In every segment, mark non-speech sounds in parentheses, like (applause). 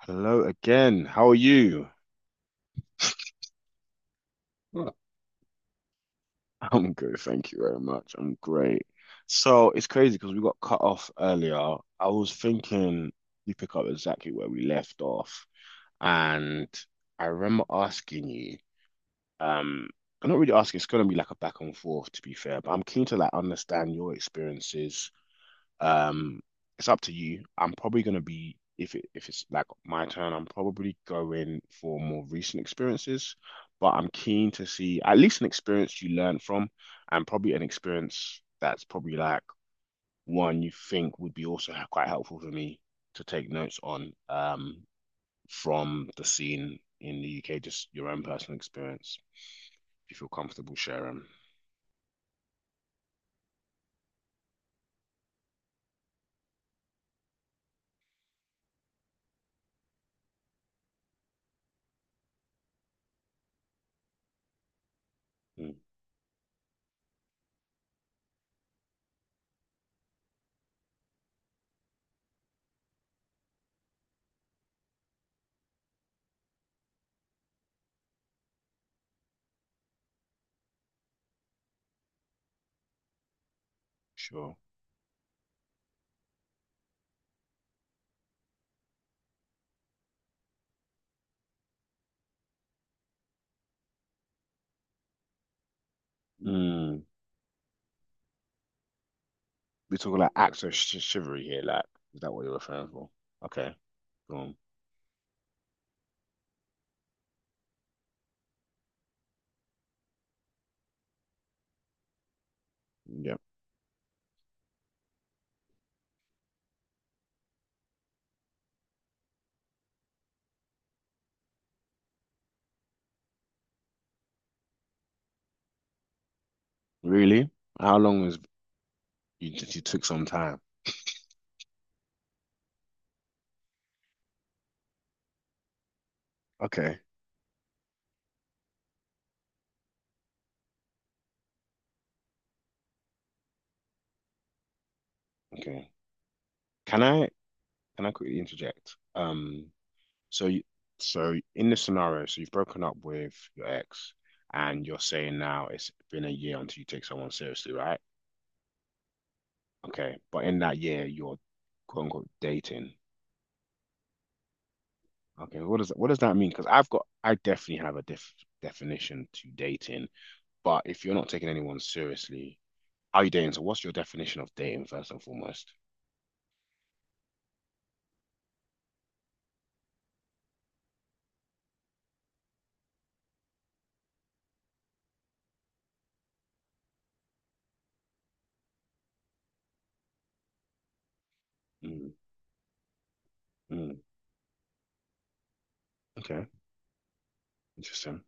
Hello again. How are you? Right. (laughs) I'm good, thank you very much. I'm great. So it's crazy because we got cut off earlier. I was thinking we pick up exactly where we left off, and I remember asking you. Um, I'm not really asking. It's gonna be like a back and forth, to be fair. But I'm keen to like understand your experiences Um, it's up to you. I'm probably gonna be if it's like my turn, I'm probably going for more recent experiences, but I'm keen to see at least an experience you learn from, and probably an experience that's probably like one you think would be also quite helpful for me to take notes on from the scene in the UK, just your own personal experience, if you feel comfortable sharing. Mm, sure. Mm. We're talking like acts of sh chivalry here. Like, is that what you're referring for? Okay. Um, yeah. Really? How long was you took some time? Okay. Okay. Can I can I quickly interject? So you, so in this scenario, so you've broken up with your ex and you're saying now it's been a year until you take someone seriously, right? Okay. But in that year, you're quote unquote dating. Okay. What does that mean? Because I definitely have a diff definition to dating. But if you're not taking anyone seriously, how are you dating? So what's your definition of dating first and foremost? Mm, mm, okay, interesting.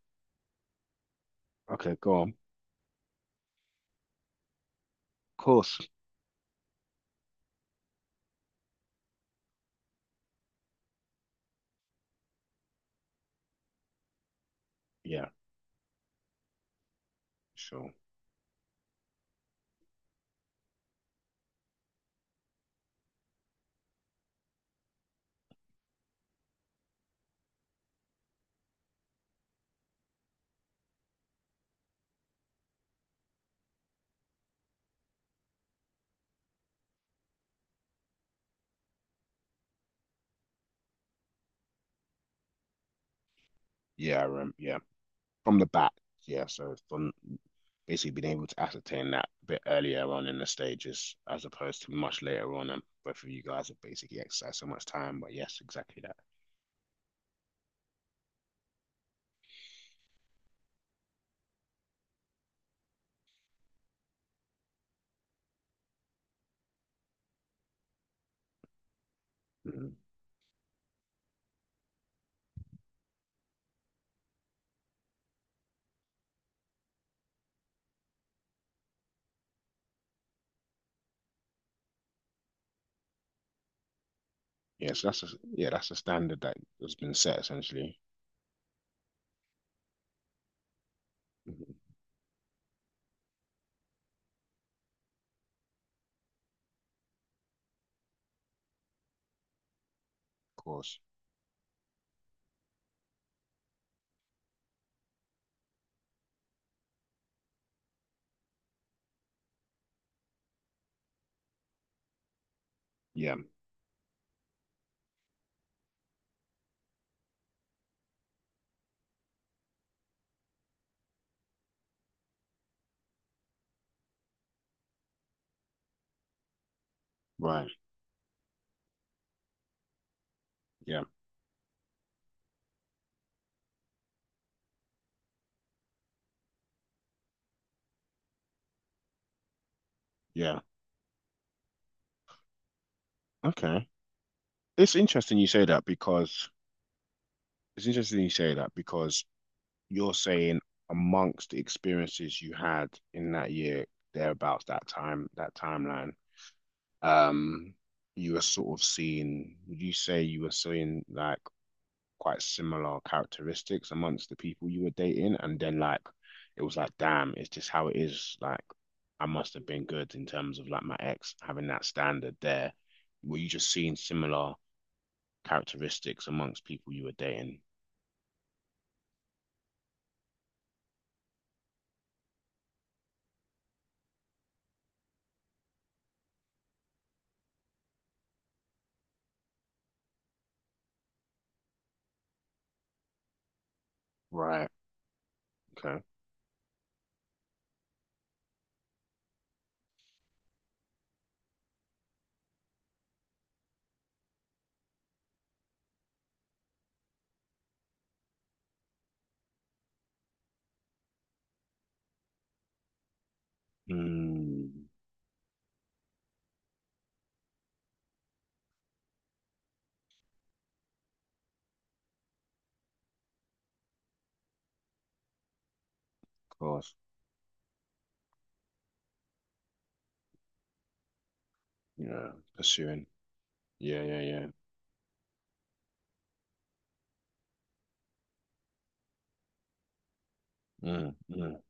Okay, go on. Of course. Yeah, sure. Yeah, yeah. From the back. Yeah, so from basically being able to ascertain that a bit earlier on in the stages as opposed to much later on. And both of you guys have basically exercised so much time, but yes, exactly that. Mhm. Yeah, so yeah, that's a standard that has been set essentially. Mhm. Of course. Yeah, right. Yeah, yeah. Okay. It's interesting you say that because it's interesting you say that because you're saying amongst the experiences you had in that year, thereabouts that time, that timeline, um, you were sort of seeing, would you say you were seeing like quite similar characteristics amongst the people you were dating? And then like it was like, damn, it's just how it is. Like I must have been good in terms of like my ex having that standard there. Were you just seeing similar characteristics amongst people you were dating? Right. Okay. Mm, of course. Yeah. Pursuing. Yeah. Yeah. Yeah. Mm, mm.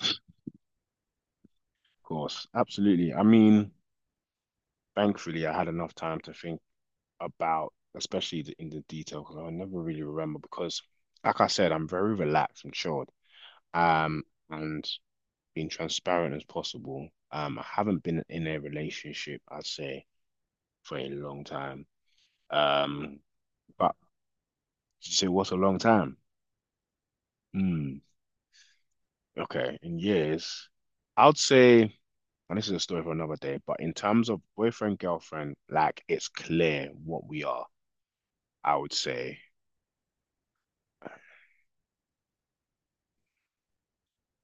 Of course. Absolutely. I mean, thankfully, I had enough time to think about, especially in the detail, because I never really remember. Because, like I said, I'm very relaxed and chilled. Um, and being transparent as possible. I haven't been in a relationship, I'd say, for a long time. Um, but so what's a long time? Hmm. Okay, in years, I would say, and this is a story for another day, but in terms of boyfriend, girlfriend, like it's clear what we are. I would say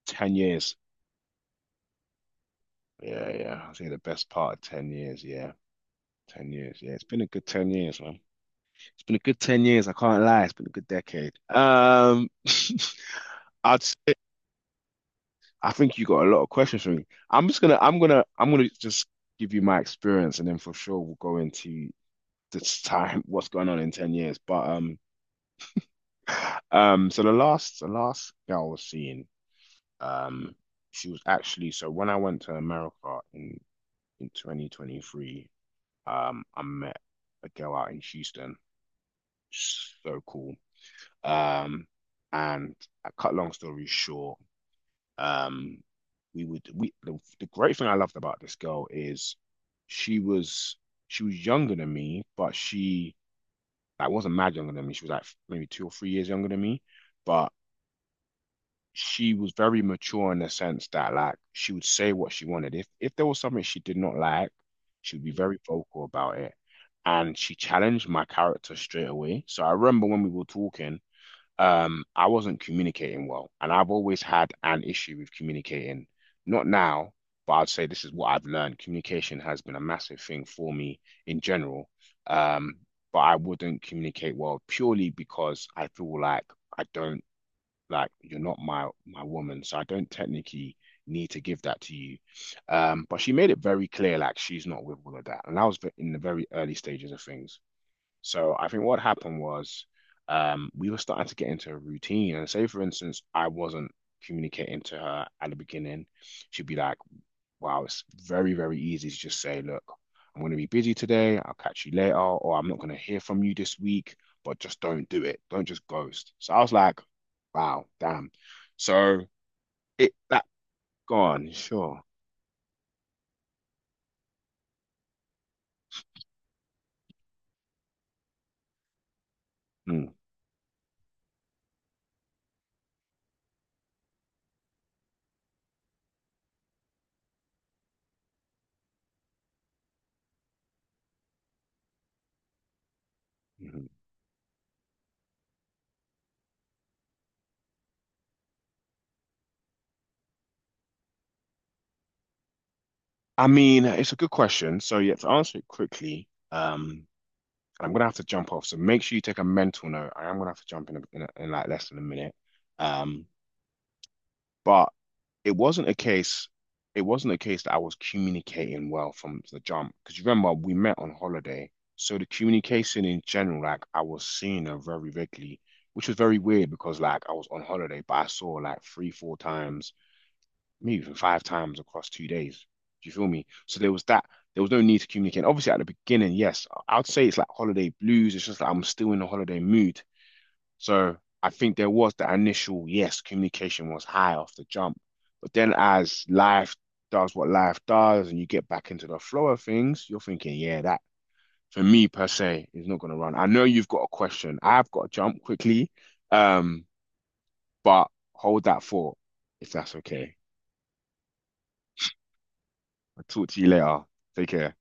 10 years. Yeah, yeah. I'd say the best part of 10 years. Yeah, 10 years. Yeah, it's been a good 10 years, man. It's been a good 10 years. I can't lie. It's been a good decade. (laughs) I'd say, I think you got a lot of questions for me. I'm just gonna, I'm gonna, I'm gonna just give you my experience and then for sure we'll go into this time (laughs) what's going on in 10 years, but so the last girl I was seeing, um she was actually, so when I went to America in 2023, I met a girl out in Houston, so cool. um and I, cut long story short, um we would we the great thing I loved about this girl is she was she was younger than me, but she like wasn't mad younger than me. She was like maybe two or three years younger than me, but she was very mature in the sense that like she would say what she wanted. If there was something she did not like, she would be very vocal about it. And she challenged my character straight away. So I remember when we were talking, I wasn't communicating well, and I've always had an issue with communicating. Not now, but I'd say this is what I've learned. Communication has been a massive thing for me in general. Um, but I wouldn't communicate well purely because I feel like I don't like you're not my woman, so I don't technically need to give that to you. But she made it very clear like she's not with all of that, and I was in the very early stages of things. So I think what happened was, we were starting to get into a routine. And say, for instance, I wasn't communicating to her at the beginning. She'd be like, wow, it's very, very easy to just say, look, I'm going to be busy today. I'll catch you later. Or I'm not going to hear from you this week, but just don't do it. Don't just ghost. So I was like, wow, damn. So it that gone, sure. Mm, mhm. I mean, it's a good question. So yeah, to answer it quickly, and I'm gonna have to jump off. So make sure you take a mental note. I am gonna have to jump in like less than a minute. Um, but it wasn't a case. It wasn't a case that I was communicating well from the jump, because remember we met on holiday, so the communication in general, like I was seeing her very regularly, which was very weird because like I was on holiday, but I saw like three, four times, maybe even five times across two days. Do you feel me? So there was that. There was no need to communicate. And obviously, at the beginning, yes, I'd say it's like holiday blues. It's just like I'm still in a holiday mood. So I think there was the initial, yes, communication was high off the jump. But then as life does what life does and you get back into the flow of things, you're thinking, yeah, that for me per se is not going to run. I know you've got a question. I've got to jump quickly, um, but hold that thought if that's okay. I'll talk to you later. Take care.